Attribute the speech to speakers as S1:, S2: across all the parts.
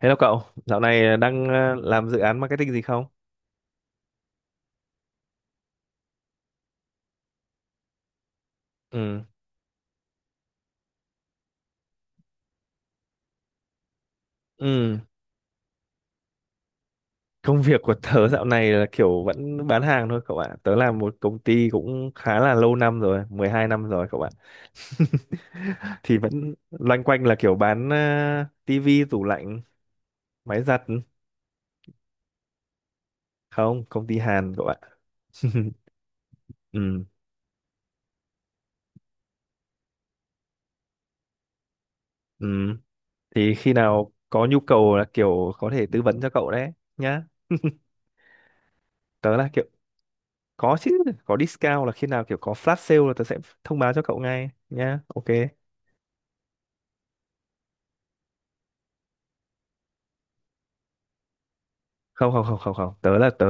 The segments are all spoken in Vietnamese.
S1: Hello cậu, dạo này đang làm dự án marketing gì không? Ừ, ừ. Công việc của tớ dạo này là kiểu vẫn bán hàng thôi cậu ạ. Tớ làm một công ty cũng khá là lâu năm rồi, 12 năm rồi cậu ạ. Thì vẫn loanh quanh là kiểu bán tivi, tủ lạnh, máy giặt. Không, công ty Hàn cậu ạ. Ừ, ừ. Thì khi nào có nhu cầu là kiểu có thể tư vấn cho cậu đấy nhá. Tớ là kiểu. Có chứ, có discount là khi nào kiểu có flash sale là tớ sẽ thông báo cho cậu ngay nhá. Ok. Không, không, không, không, không, tớ là tớ.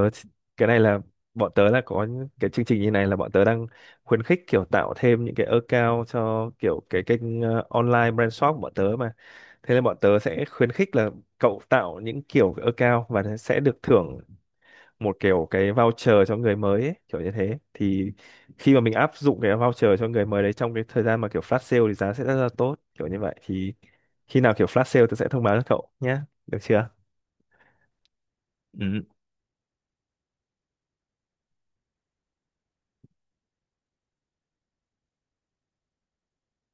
S1: Cái này là bọn tớ là có những cái chương trình như này là bọn tớ đang khuyến khích kiểu tạo thêm những cái account cho kiểu cái kênh online brand shop của bọn tớ, mà thế nên bọn tớ sẽ khuyến khích là cậu tạo những kiểu account và sẽ được thưởng một kiểu cái voucher cho người mới ấy, kiểu như thế. Thì khi mà mình áp dụng cái voucher cho người mới đấy trong cái thời gian mà kiểu flash sale thì giá sẽ rất là tốt kiểu như vậy, thì khi nào kiểu flash sale tớ sẽ thông báo cho cậu nhé. Được chưa? Ừ.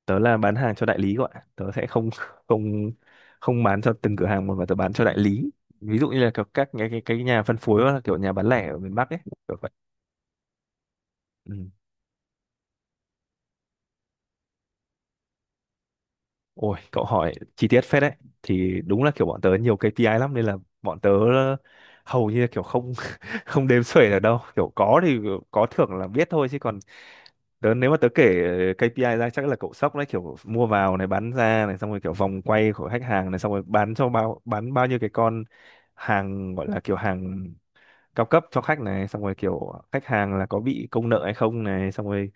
S1: Tớ là bán hàng cho đại lý gọi. Tớ sẽ không không không bán cho từng cửa hàng một, mà tớ bán cho đại lý, ví dụ như là kiểu các cái nhà phân phối hoặc là kiểu nhà bán lẻ ở miền Bắc ấy, kiểu vậy. Ừ. Ôi, cậu hỏi chi tiết phết đấy. Thì đúng là kiểu bọn tớ nhiều KPI lắm, nên là bọn tớ hầu như là kiểu không không đếm xuể được đâu. Kiểu có thì có thưởng là biết thôi, chứ còn tớ nếu mà tớ kể KPI ra chắc là cậu sốc đấy, kiểu mua vào này, bán ra này, xong rồi kiểu vòng quay của khách hàng này, xong rồi bán bao nhiêu cái con hàng gọi là kiểu hàng cao cấp cho khách này, xong rồi kiểu khách hàng là có bị công nợ hay không này, xong rồi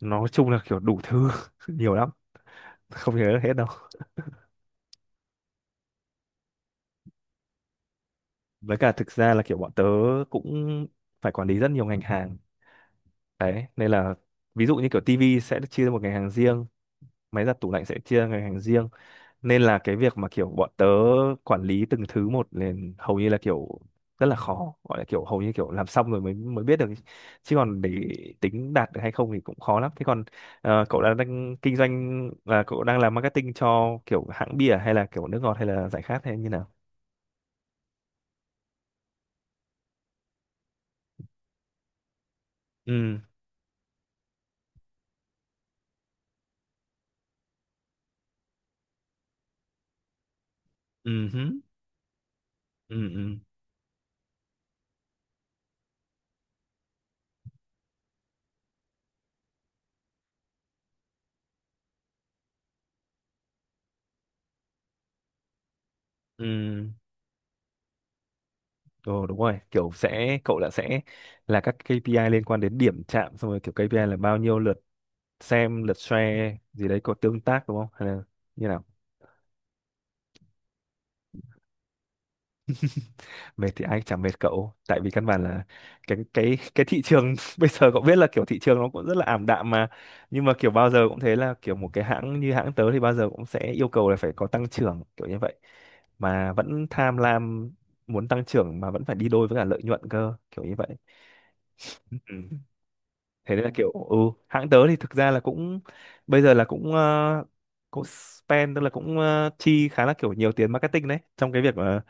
S1: nói chung là kiểu đủ thứ, nhiều lắm, không nhớ được hết. Với cả thực ra là kiểu bọn tớ cũng phải quản lý rất nhiều ngành hàng đấy, nên là ví dụ như kiểu tivi sẽ được chia ra một ngành hàng riêng, máy giặt tủ lạnh sẽ chia ra ngành hàng riêng, nên là cái việc mà kiểu bọn tớ quản lý từng thứ một nên hầu như là kiểu rất là khó, gọi là kiểu hầu như kiểu làm xong rồi mới mới biết được ý. Chứ còn để tính đạt được hay không thì cũng khó lắm. Thế còn cậu đang kinh doanh là cậu đang làm marketing cho kiểu hãng bia hay là kiểu nước ngọt hay là giải khát hay như nào? Ừ ừ hứ, ừ ừ ừ. Ờ Đúng rồi, kiểu sẽ cậu đã sẽ là các KPI liên quan đến điểm chạm, xong rồi kiểu KPI là bao nhiêu lượt xem, lượt share gì đấy có tương tác đúng không? Hay là như nào? Mệt thì ai chẳng mệt cậu, tại vì căn bản là cái thị trường bây giờ cậu biết là kiểu thị trường nó cũng rất là ảm đạm mà. Nhưng mà kiểu bao giờ cũng thế là kiểu một cái hãng như hãng tớ thì bao giờ cũng sẽ yêu cầu là phải có tăng trưởng kiểu như vậy, mà vẫn tham lam muốn tăng trưởng mà vẫn phải đi đôi với cả lợi nhuận cơ, kiểu như vậy. Ừ. Thế nên là kiểu ừ hãng tớ thì thực ra là cũng bây giờ là cũng spend, tức là chi khá là kiểu nhiều tiền marketing đấy, trong cái việc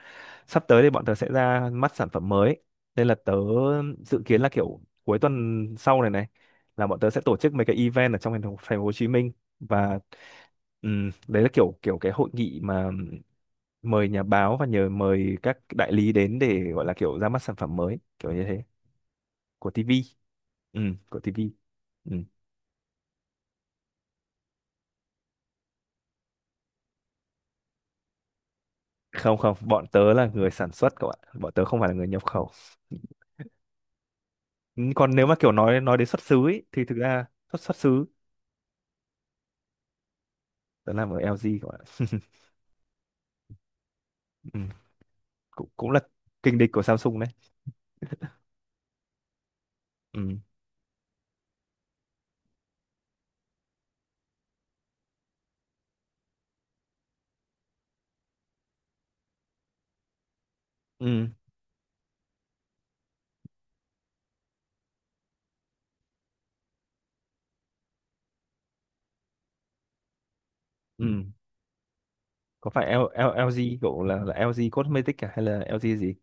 S1: sắp tới thì bọn tớ sẽ ra mắt sản phẩm mới, nên là tớ dự kiến là kiểu cuối tuần sau này này là bọn tớ sẽ tổ chức mấy cái event ở trong thành phố, Hồ Chí Minh. Và đấy là kiểu kiểu cái hội nghị mà mời nhà báo và nhờ mời các đại lý đến để gọi là kiểu ra mắt sản phẩm mới kiểu như thế, của TV. Ừ, của TV. Không, không, bọn tớ là người sản xuất các bạn, bọn tớ không phải là người nhập khẩu. Ừ, còn nếu mà kiểu nói đến xuất xứ ý, thì thực ra xuất xuất xứ tớ làm ở LG các bạn. Ừ. cũng cũng là kình địch của Samsung đấy. Ừ. Ừ. Ừ. Có phải L, L, LG cậu là LG Cosmetics à? Hay là LG gì?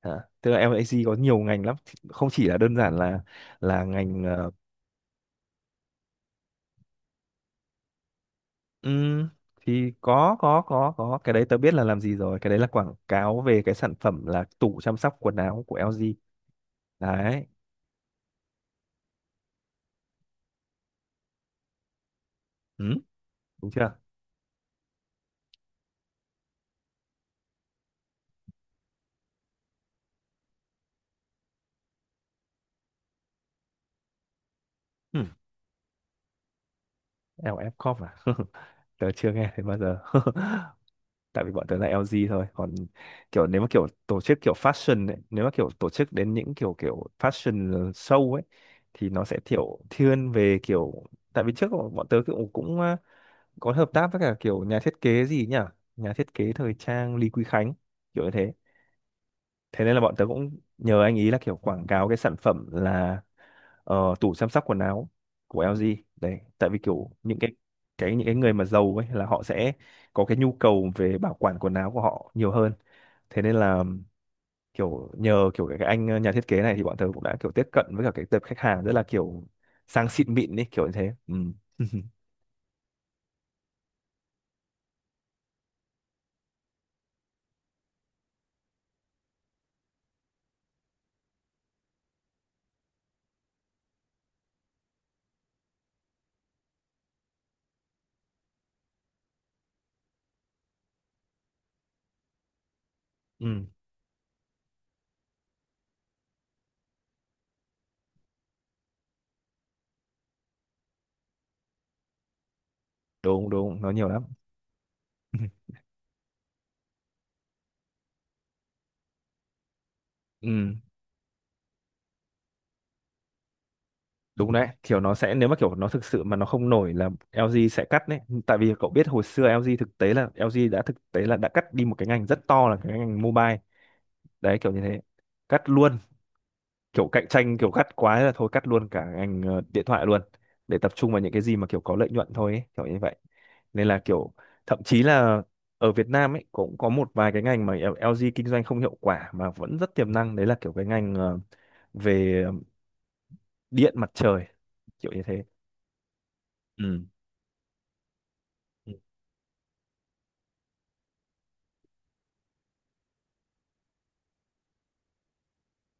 S1: À, tức là LG có nhiều ngành lắm, không chỉ là đơn giản là ngành ừ, thì có cái đấy tớ biết là làm gì rồi, cái đấy là quảng cáo về cái sản phẩm là tủ chăm sóc quần áo của LG đấy. Ừ, đúng chưa? Ừ. LF Corp à? Tớ chưa nghe thấy bao giờ. Tại vì bọn tớ là LG thôi. Còn kiểu nếu mà kiểu tổ chức kiểu fashion ấy, nếu mà kiểu tổ chức đến những kiểu kiểu fashion show ấy thì nó sẽ kiểu thiên về kiểu, tại vì trước bọn bọn tớ cũng cũng ờ, có hợp tác với cả kiểu nhà thiết kế gì nhỉ? Nhà thiết kế thời trang Lý Quý Khánh kiểu như thế. Thế nên là bọn tớ cũng nhờ anh ý là kiểu quảng cáo cái sản phẩm là tủ chăm sóc quần áo của LG đấy, tại vì kiểu những cái những cái người mà giàu ấy là họ sẽ có cái nhu cầu về bảo quản quần áo của họ nhiều hơn, thế nên là kiểu nhờ kiểu cái anh nhà thiết kế này thì bọn tớ cũng đã kiểu tiếp cận với cả cái tập khách hàng rất là kiểu sang xịn mịn đi kiểu như thế. Ừ. Ừ. Đúng đúng, nó nhiều lắm. Ừ, đúng đấy, kiểu nó sẽ nếu mà kiểu nó thực sự mà nó không nổi là LG sẽ cắt đấy. Tại vì cậu biết hồi xưa LG thực tế là LG đã thực tế là đã cắt đi một cái ngành rất to, là cái ngành mobile đấy, kiểu như thế. Cắt luôn, kiểu cạnh tranh kiểu cắt quá là thôi cắt luôn cả ngành điện thoại luôn, để tập trung vào những cái gì mà kiểu có lợi nhuận thôi ấy, kiểu như vậy. Nên là kiểu thậm chí là ở Việt Nam ấy cũng có một vài cái ngành mà LG kinh doanh không hiệu quả mà vẫn rất tiềm năng đấy, là kiểu cái ngành về điện mặt trời kiểu như thế. Ừ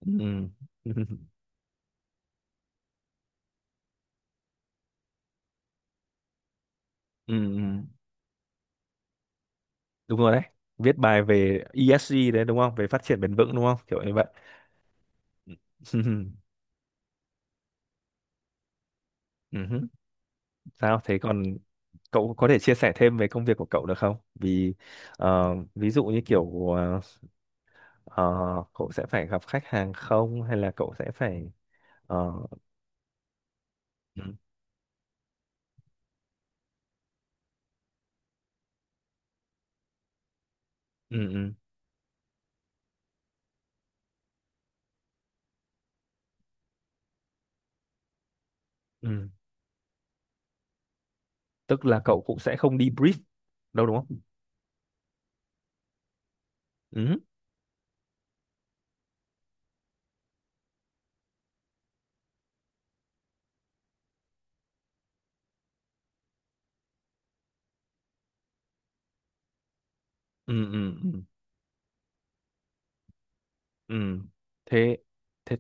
S1: ừ. Ừ. Ừ. Ừ. Đúng rồi đấy. Viết bài về ESG đấy đúng không? Về phát triển bền vững đúng không? Kiểu như vậy. Ừ. Ừ. Sao thế, còn cậu có thể chia sẻ thêm về công việc của cậu được không? Vì ví dụ như kiểu ờ, cậu sẽ phải gặp khách hàng không hay là cậu sẽ phải ờ, ừ, ừ, ừ, ừ. Tức là cậu cũng sẽ không đi brief đâu đúng không? Ừ, ừ, ừ, ừ. Ừ. Thế thế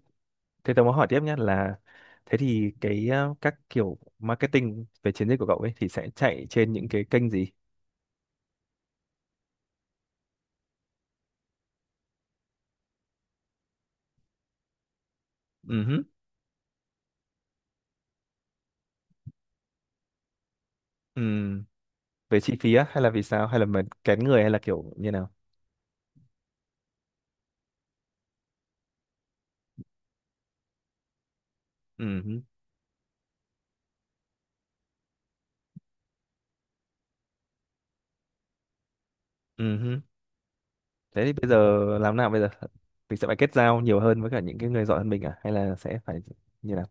S1: Thế tớ muốn hỏi tiếp nhé, là thế thì cái các kiểu marketing về chiến dịch của cậu ấy thì sẽ chạy trên những cái kênh gì? Ừ hứ, ừ. Về chi phí á hay là vì sao hay là mình kén người hay là kiểu như nào? Ừ hứ, ừ hứ. Thế thì bây giờ làm nào bây giờ? Mình sẽ phải kết giao nhiều hơn với cả những cái người giỏi hơn mình à hay là sẽ phải như nào?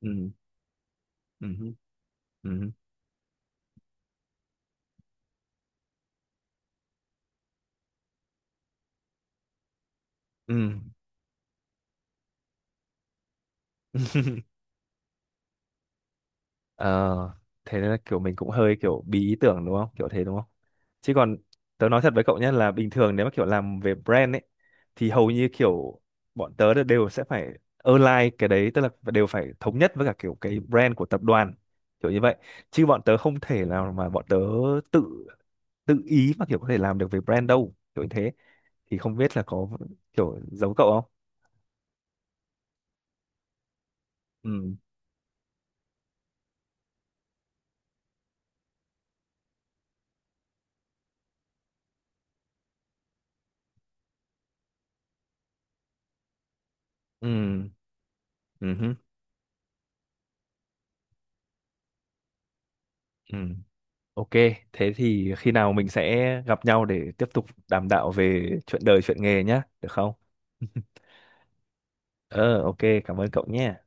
S1: Ừ. Ừ hứ, ừ hứ, ừ. Ờ, thế nên là kiểu mình cũng hơi kiểu bí ý tưởng đúng không? Kiểu thế đúng không? Chứ còn tớ nói thật với cậu nhé, là bình thường nếu mà kiểu làm về brand ấy thì hầu như kiểu bọn tớ đều sẽ phải align cái đấy, tức là đều phải thống nhất với cả kiểu cái brand của tập đoàn kiểu như vậy. Chứ bọn tớ không thể nào mà bọn tớ tự tự ý mà kiểu có thể làm được về brand đâu. Kiểu như thế thì không biết là có kiểu giống cậu không? Ừ. Ừ. Ừ. Ừ. Ok, thế thì khi nào mình sẽ gặp nhau để tiếp tục đàm đạo về chuyện đời, chuyện nghề nhá, được không? Ờ, ok, cảm ơn cậu nhé.